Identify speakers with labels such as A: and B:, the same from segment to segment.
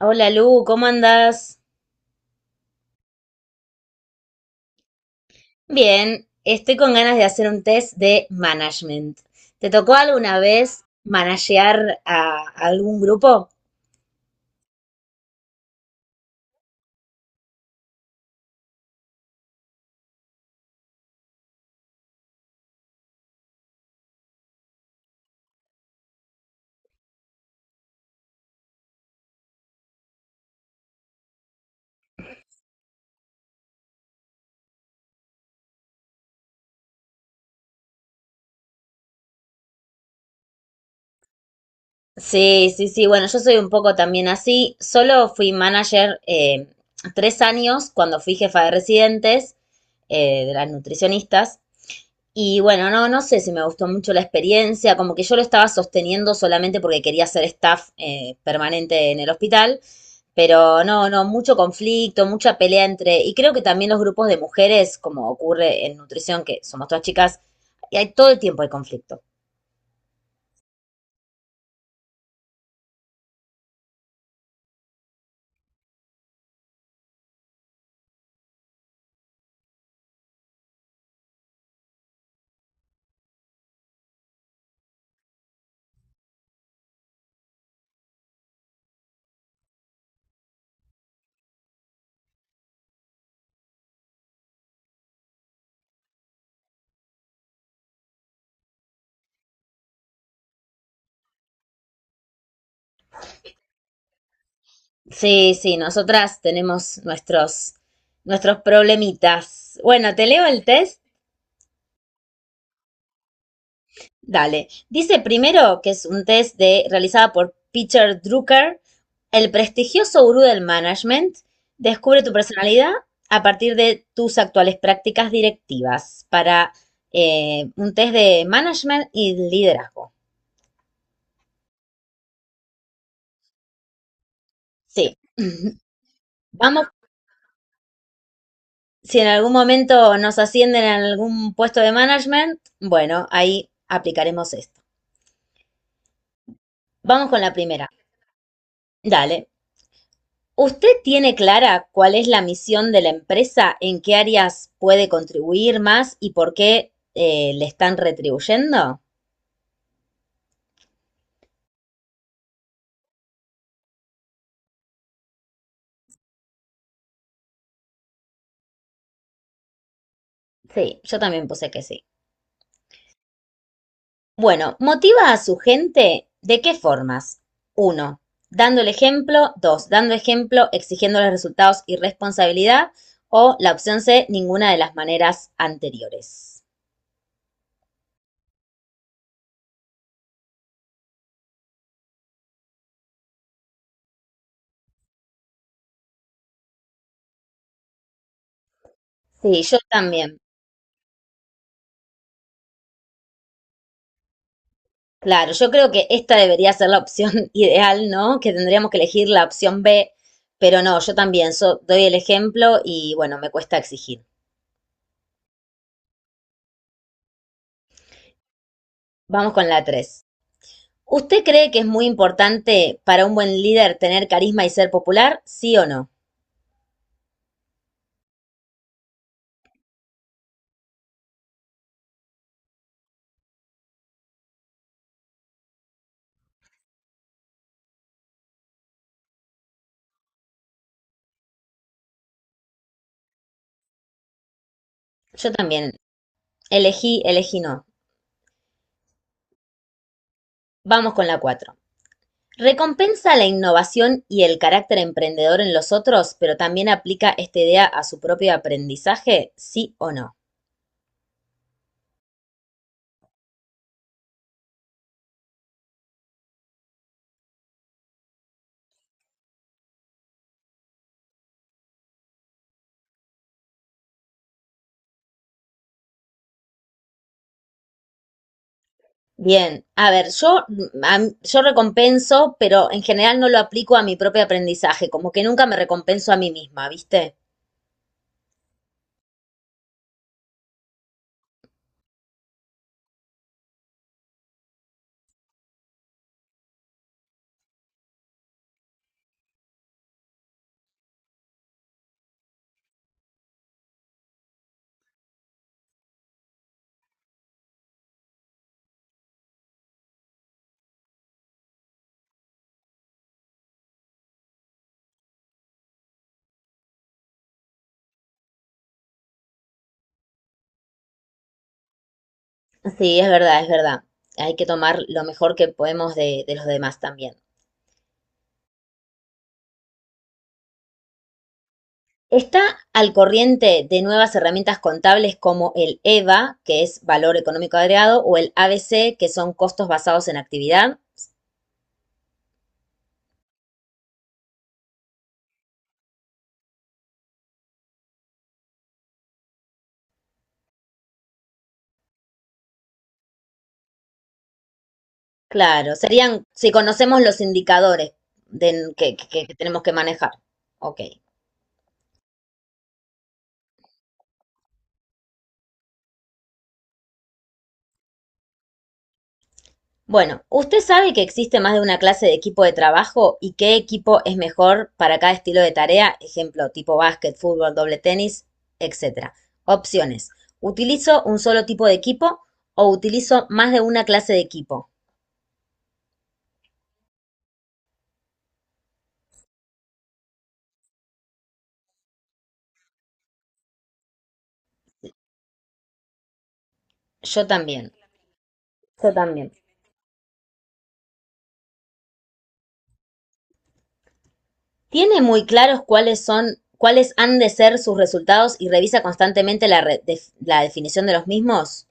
A: Hola Lu, ¿cómo andás? Bien, estoy con ganas de hacer un test de management. ¿Te tocó alguna vez managear a algún grupo? Sí, sí, sí. Bueno, yo soy un poco también así. Solo fui manager 3 años cuando fui jefa de residentes, de las nutricionistas. Y bueno, no, no sé si me gustó mucho la experiencia, como que yo lo estaba sosteniendo solamente porque quería ser staff permanente en el hospital, pero no, no, mucho conflicto, mucha pelea entre, y creo que también los grupos de mujeres, como ocurre en nutrición, que somos todas chicas, y hay todo el tiempo hay conflicto. Sí, sí, nosotras tenemos nuestros problemitas. Bueno, ¿te leo el test? Dale. Dice primero que es un test de, realizada por Peter Drucker, el prestigioso gurú del management. Descubre tu personalidad a partir de tus actuales prácticas directivas para un test de management y liderazgo. Sí. Vamos, si en algún momento nos ascienden a algún puesto de management, bueno, ahí aplicaremos esto. Vamos con la primera. Dale. ¿Usted tiene clara cuál es la misión de la empresa, en qué áreas puede contribuir más y por qué le están retribuyendo? Sí, yo también puse que sí. Bueno, motiva a su gente de qué formas. Uno, dando el ejemplo. Dos, dando ejemplo, exigiendo los resultados y responsabilidad. O la opción C, ninguna de las maneras anteriores. Sí, yo también. Claro, yo creo que esta debería ser la opción ideal, ¿no? Que tendríamos que elegir la opción B, pero no, yo también doy el ejemplo y bueno, me cuesta exigir. Vamos con la 3. ¿Usted cree que es muy importante para un buen líder tener carisma y ser popular? ¿Sí o no? Yo también elegí no. Vamos con la 4. Recompensa la innovación y el carácter emprendedor en los otros, pero también aplica esta idea a su propio aprendizaje, ¿sí o no? Bien, a ver, yo, yo recompenso, pero en general no lo aplico a mi propio aprendizaje, como que nunca me recompenso a mí misma, ¿viste? Sí, es verdad, es verdad. Hay que tomar lo mejor que podemos de los demás también. Está al corriente de nuevas herramientas contables como el EVA, que es valor económico agregado, o el ABC, que son costos basados en actividad. Claro, serían si conocemos los indicadores de, que tenemos que manejar. Ok. Bueno, ¿usted sabe que existe más de una clase de equipo de trabajo y qué equipo es mejor para cada estilo de tarea? Ejemplo, tipo básquet, fútbol, doble tenis, etcétera. Opciones. ¿Utilizo un solo tipo de equipo o utilizo más de una clase de equipo? Yo también. Yo también. ¿Tiene muy claros cuáles son, cuáles han de ser sus resultados y revisa constantemente la, la definición de los mismos?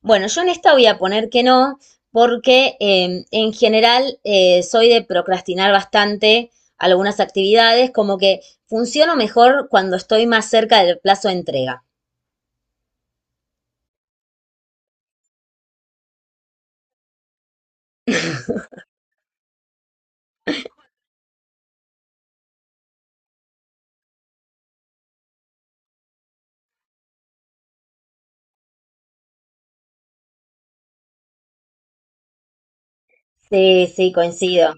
A: Bueno, yo en esta voy a poner que no, porque en general soy de procrastinar bastante algunas actividades, como que funciono mejor cuando estoy más cerca del plazo de entrega. Sí, sí, coincido.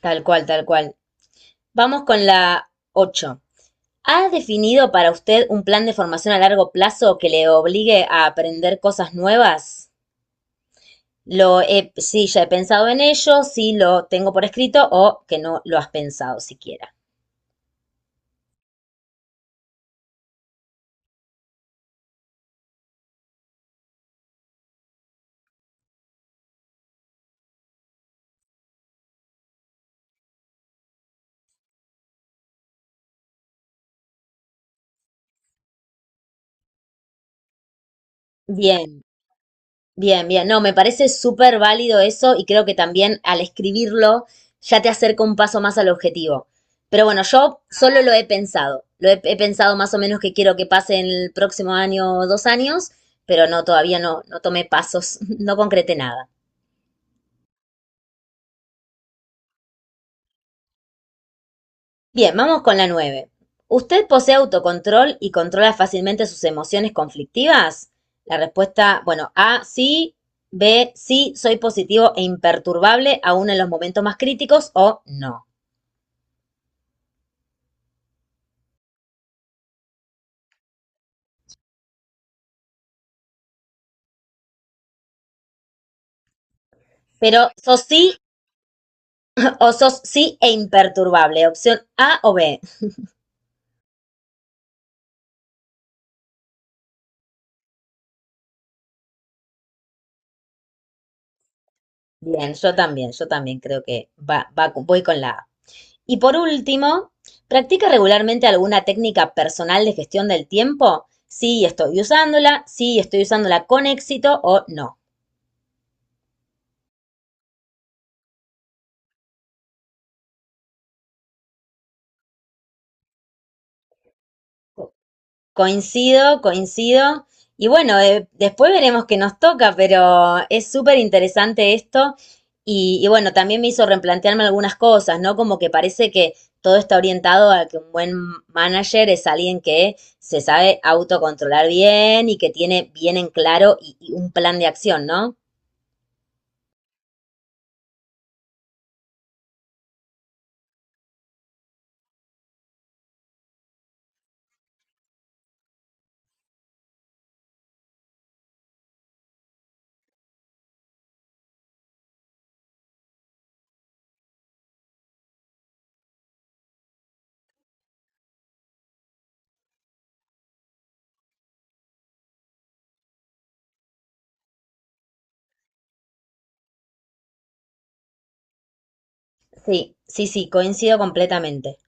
A: Tal cual, tal cual. Vamos con la 8. ¿Ha definido para usted un plan de formación a largo plazo que le obligue a aprender cosas nuevas? Lo he, sí, ya he pensado en ello, sí lo tengo por escrito o que no lo has pensado siquiera. Bien, bien, bien. No, me parece súper válido eso y creo que también al escribirlo ya te acerca un paso más al objetivo. Pero bueno, yo solo lo he pensado. He pensado más o menos que quiero que pase en el próximo año o 2 años, pero no, todavía no, no tomé pasos, no concreté nada. Bien, vamos con la nueve. ¿Usted posee autocontrol y controla fácilmente sus emociones conflictivas? La respuesta, bueno, A, sí. B, sí, soy positivo e imperturbable aún en los momentos más críticos o no. Pero sos sí o sos sí e imperturbable. Opción A o B. Bien, yo también creo que voy con la A. Y por último, ¿practica regularmente alguna técnica personal de gestión del tiempo? Sí, estoy usándola con éxito o no. Coincido, coincido. Y bueno, después veremos qué nos toca, pero es súper interesante esto. Y bueno, también me hizo replantearme algunas cosas, ¿no? Como que parece que todo está orientado a que un buen manager es alguien que se sabe autocontrolar bien y que tiene bien en claro y un plan de acción, ¿no? Sí, sí, sí, coincido completamente.